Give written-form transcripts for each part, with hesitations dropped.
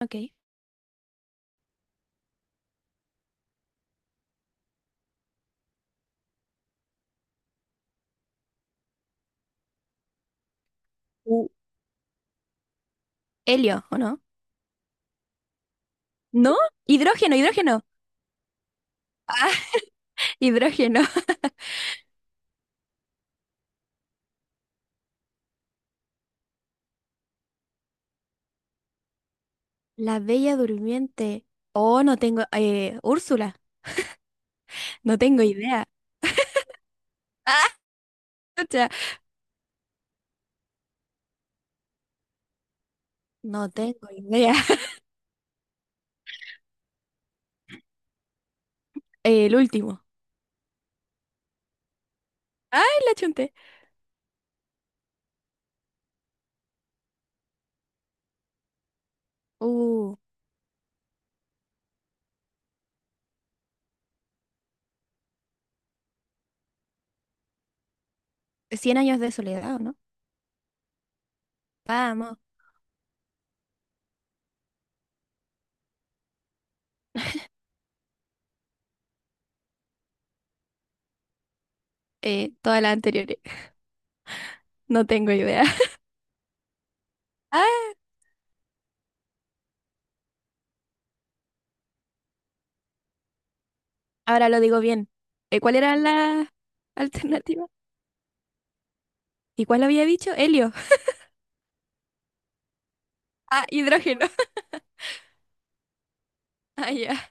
Ok. U- helio, ¿o no? ¿No? Hidrógeno, hidrógeno. Ah, hidrógeno. La Bella Durmiente. Oh, no tengo. Úrsula. No tengo idea. Ah, chucha. No tengo idea. El último. Ay, la chunté. Uh, Cien años de soledad, ¿o no? Vamos. Todas las anteriores. No tengo idea. Ah, ahora lo digo bien. ¿Cuál era la alternativa? ¿Y cuál había dicho? Helio. Ah, hidrógeno. Ah, ya.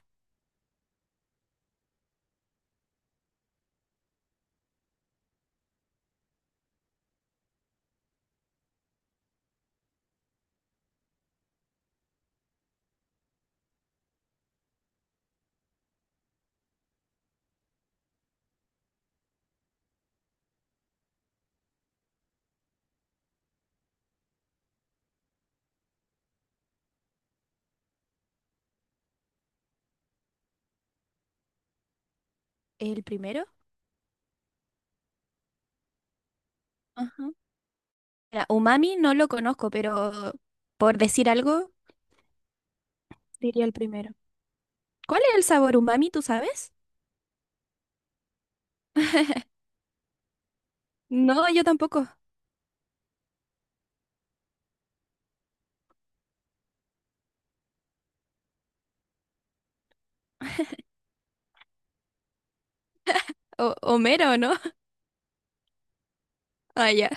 ¿El primero? Ajá. Mira, Umami no lo conozco, pero por decir algo, diría el primero. ¿Cuál es el sabor umami, tú sabes? No, yo tampoco. O Homero, ¿no? Ah, ya.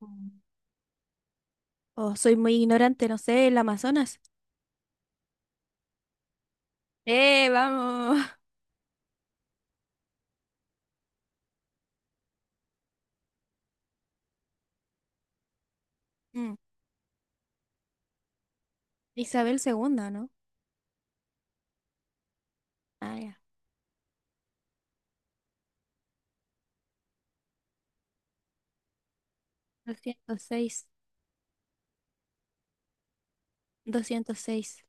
Mm. Oh, soy muy ignorante, no sé, el Amazonas. ¡Eh, vamos! Mm, Isabel segunda, ¿no? Ah, ya. 206. 206.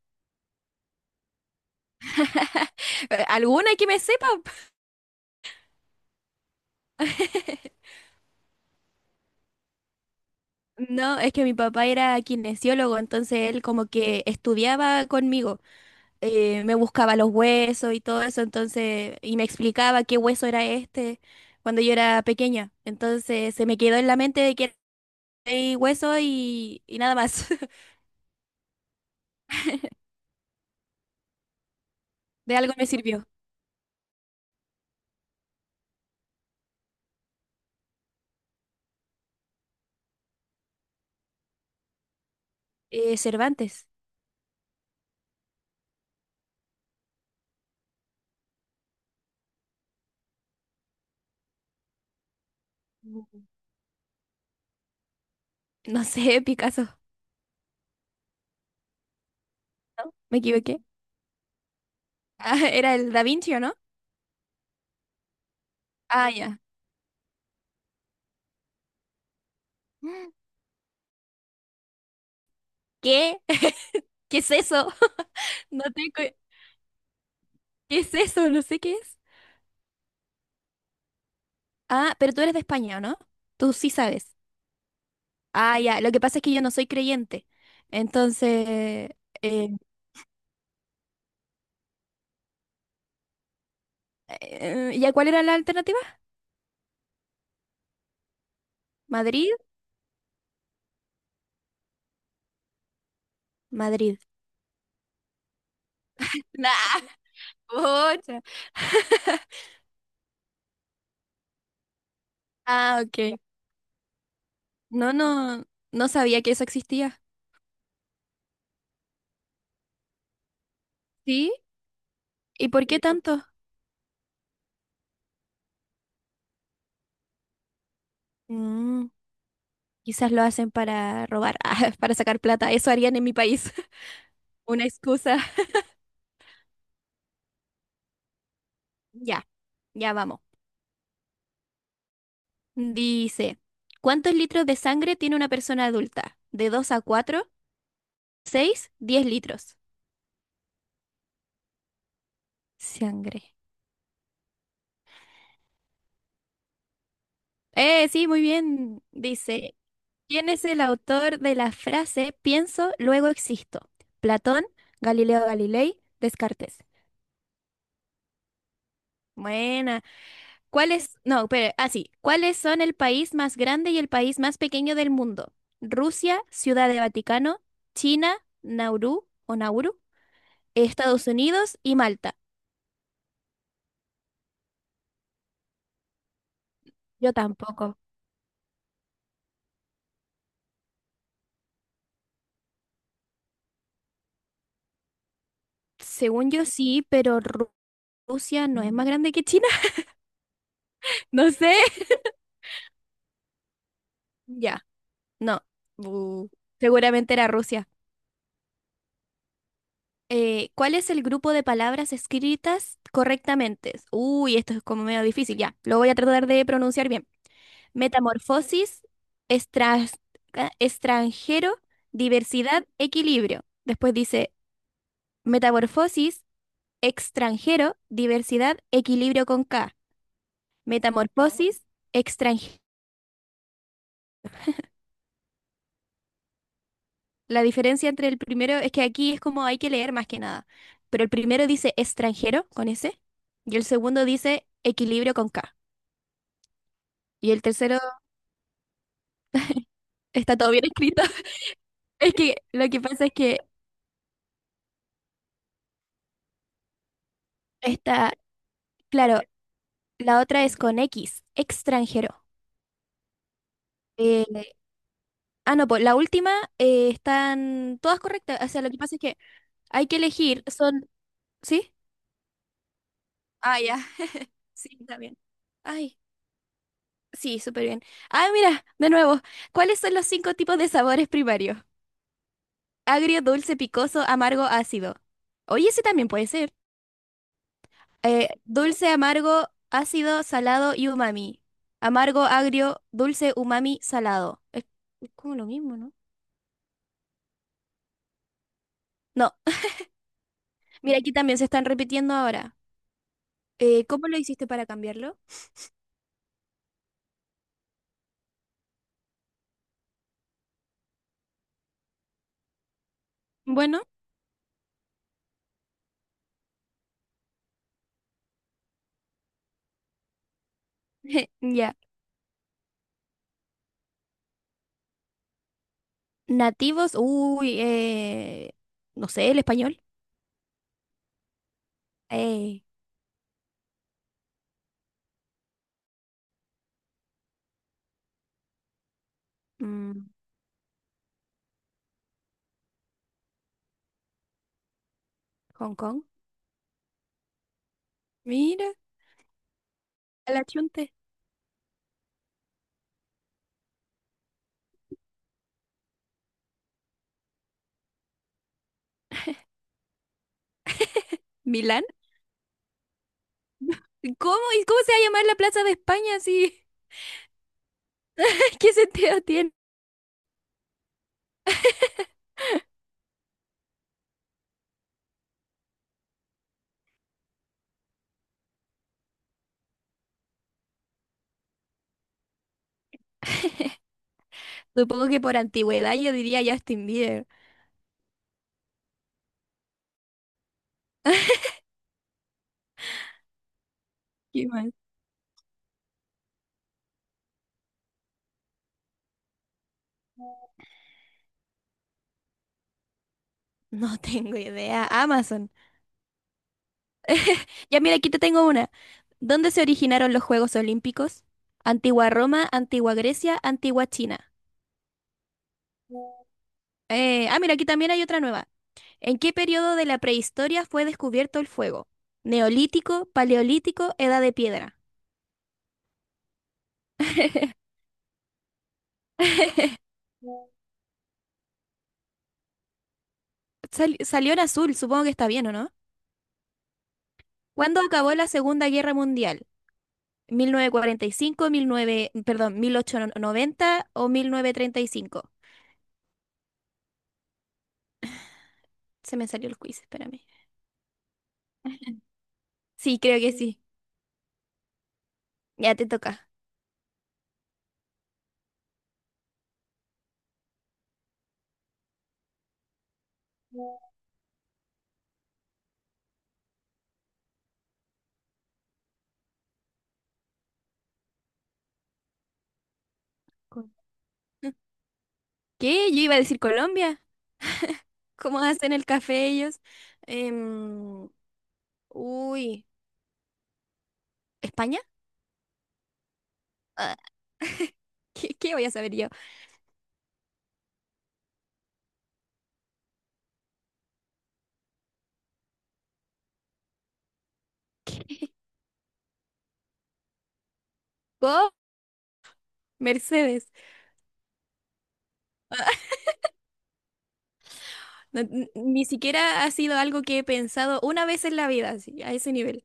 ¿Alguna que me sepa? No, es que mi papá era kinesiólogo, entonces él como que estudiaba conmigo. Me buscaba los huesos y todo eso, entonces, y me explicaba qué hueso era este cuando yo era pequeña. Entonces se me quedó en la mente de que hay hueso y nada más. De algo me sirvió. Cervantes. Mm. No sé, Picasso. ¿No? ¿Me equivoqué? Ah, era el Da Vinci, ¿o no? Ah, ya. Mm. ¿Qué? ¿Qué es eso? No tengo. ¿Qué es eso? No sé qué es. Ah, pero tú eres de España, ¿o no? Tú sí sabes. Ah, ya, lo que pasa es que yo no soy creyente. Entonces, eh, ¿ya cuál era la alternativa? ¿Madrid? Madrid. Nah, pucha. Ah, ok. No, no, no sabía que eso existía. ¿Sí? ¿Y por qué tanto? Mm, Quizás lo hacen para robar, ah, para sacar plata. Eso harían en mi país. Una excusa. Ya, ya vamos. Dice, ¿cuántos litros de sangre tiene una persona adulta? ¿De 2 a 4, 6, 10 litros? Sangre. Sí, muy bien. Dice, ¿quién es el autor de la frase pienso, luego existo? Platón, Galileo Galilei, Descartes. Buena. ¿Cuál es? No, pero así. ¿Cuáles son el país más grande y el país más pequeño del mundo? Rusia, Ciudad de Vaticano, China, Nauru o Nauru, Estados Unidos y Malta. Yo tampoco. Según yo sí, pero Rusia no es más grande que China. No sé. Ya. No. Bu. Seguramente era Rusia. ¿Cuál es el grupo de palabras escritas correctamente? Uy, esto es como medio difícil, ya. Lo voy a tratar de pronunciar bien. Metamorfosis, estras- extranjero, diversidad, equilibrio. Después dice metamorfosis, extranjero, diversidad, equilibrio con K. Metamorfosis, extranjero. La diferencia entre el primero es que aquí es como hay que leer más que nada. Pero el primero dice extranjero con S y el segundo dice equilibrio con K. Y el tercero. Está todo bien escrito. Es que lo que pasa es que está, claro, la otra es con X, extranjero. Eh, ah, no, pues la última están todas correctas. O sea, lo que pasa es que hay que elegir, son, ¿sí? Ah, ya, sí, está bien. Ay, sí, súper bien. Ah, mira, de nuevo, ¿cuáles son los cinco tipos de sabores primarios? Agrio, dulce, picoso, amargo, ácido. Oye, ese también puede ser. Dulce, amargo, ácido, salado y umami. Amargo, agrio, dulce, umami, salado. Es como lo mismo, ¿no? No, mira, aquí también se están repitiendo ahora. ¿Cómo lo hiciste para cambiarlo? Bueno, ya. Nativos, uy, no sé, el español. Eh, mm, Hong Kong. Mira, a la chunte. ¿Milán? ¿Cómo? ¿Y cómo se va a llamar la Plaza de España si... ¿Qué sentido tiene? Supongo que por antigüedad yo diría Justin Bieber. ¿Qué más? No tengo idea. Amazon. Ya mira, aquí te tengo una. ¿Dónde se originaron los Juegos Olímpicos? Antigua Roma, Antigua Grecia, Antigua China. Ah, mira, aquí también hay otra nueva. ¿En qué periodo de la prehistoria fue descubierto el fuego? Neolítico, Paleolítico, Edad de Piedra. Salió en azul, supongo que está bien, ¿o no? ¿Cuándo acabó la Segunda Guerra Mundial? 1945, mil nueve, perdón, 1890 o 1935. Se me salió el quiz, espérame. Sí, creo que sí. Ya te toca. Col- ¿Qué? Yo iba a decir Colombia. ¿Cómo hacen el café ellos? Em, Uy, ¿España? Ah, ¿qué voy a saber yo? ¿Qué? ¿Go? Mercedes. Ni siquiera ha sido algo que he pensado una vez en la vida, así, a ese nivel.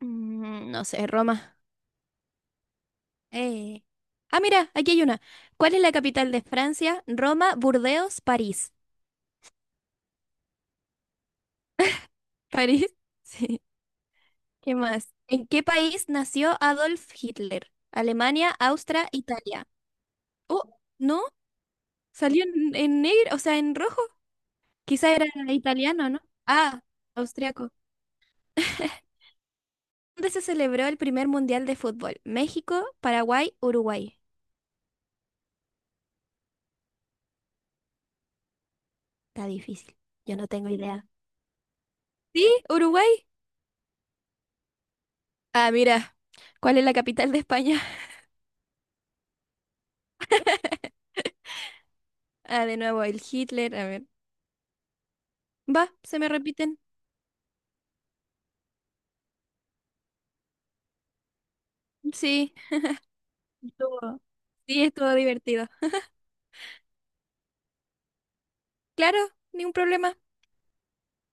No sé, Roma. Eh. Ah, mira, aquí hay una. ¿Cuál es la capital de Francia? Roma, Burdeos, París. ¿París? Sí. ¿Qué más? ¿En qué país nació Adolf Hitler? Alemania, Austria, Italia. Oh, no, salió en negro, o sea, en rojo. Quizá era italiano, ¿no? Ah, austriaco. ¿Dónde se celebró el primer mundial de fútbol? México, Paraguay, Uruguay. Está difícil. Yo no tengo idea. ¿Sí? ¿Uruguay? Ah, mira, ¿cuál es la capital de España? Ah, de nuevo, el Hitler. A ver. Va, se me repiten. Sí, estuvo. Sí, estuvo divertido. Claro, ningún problema.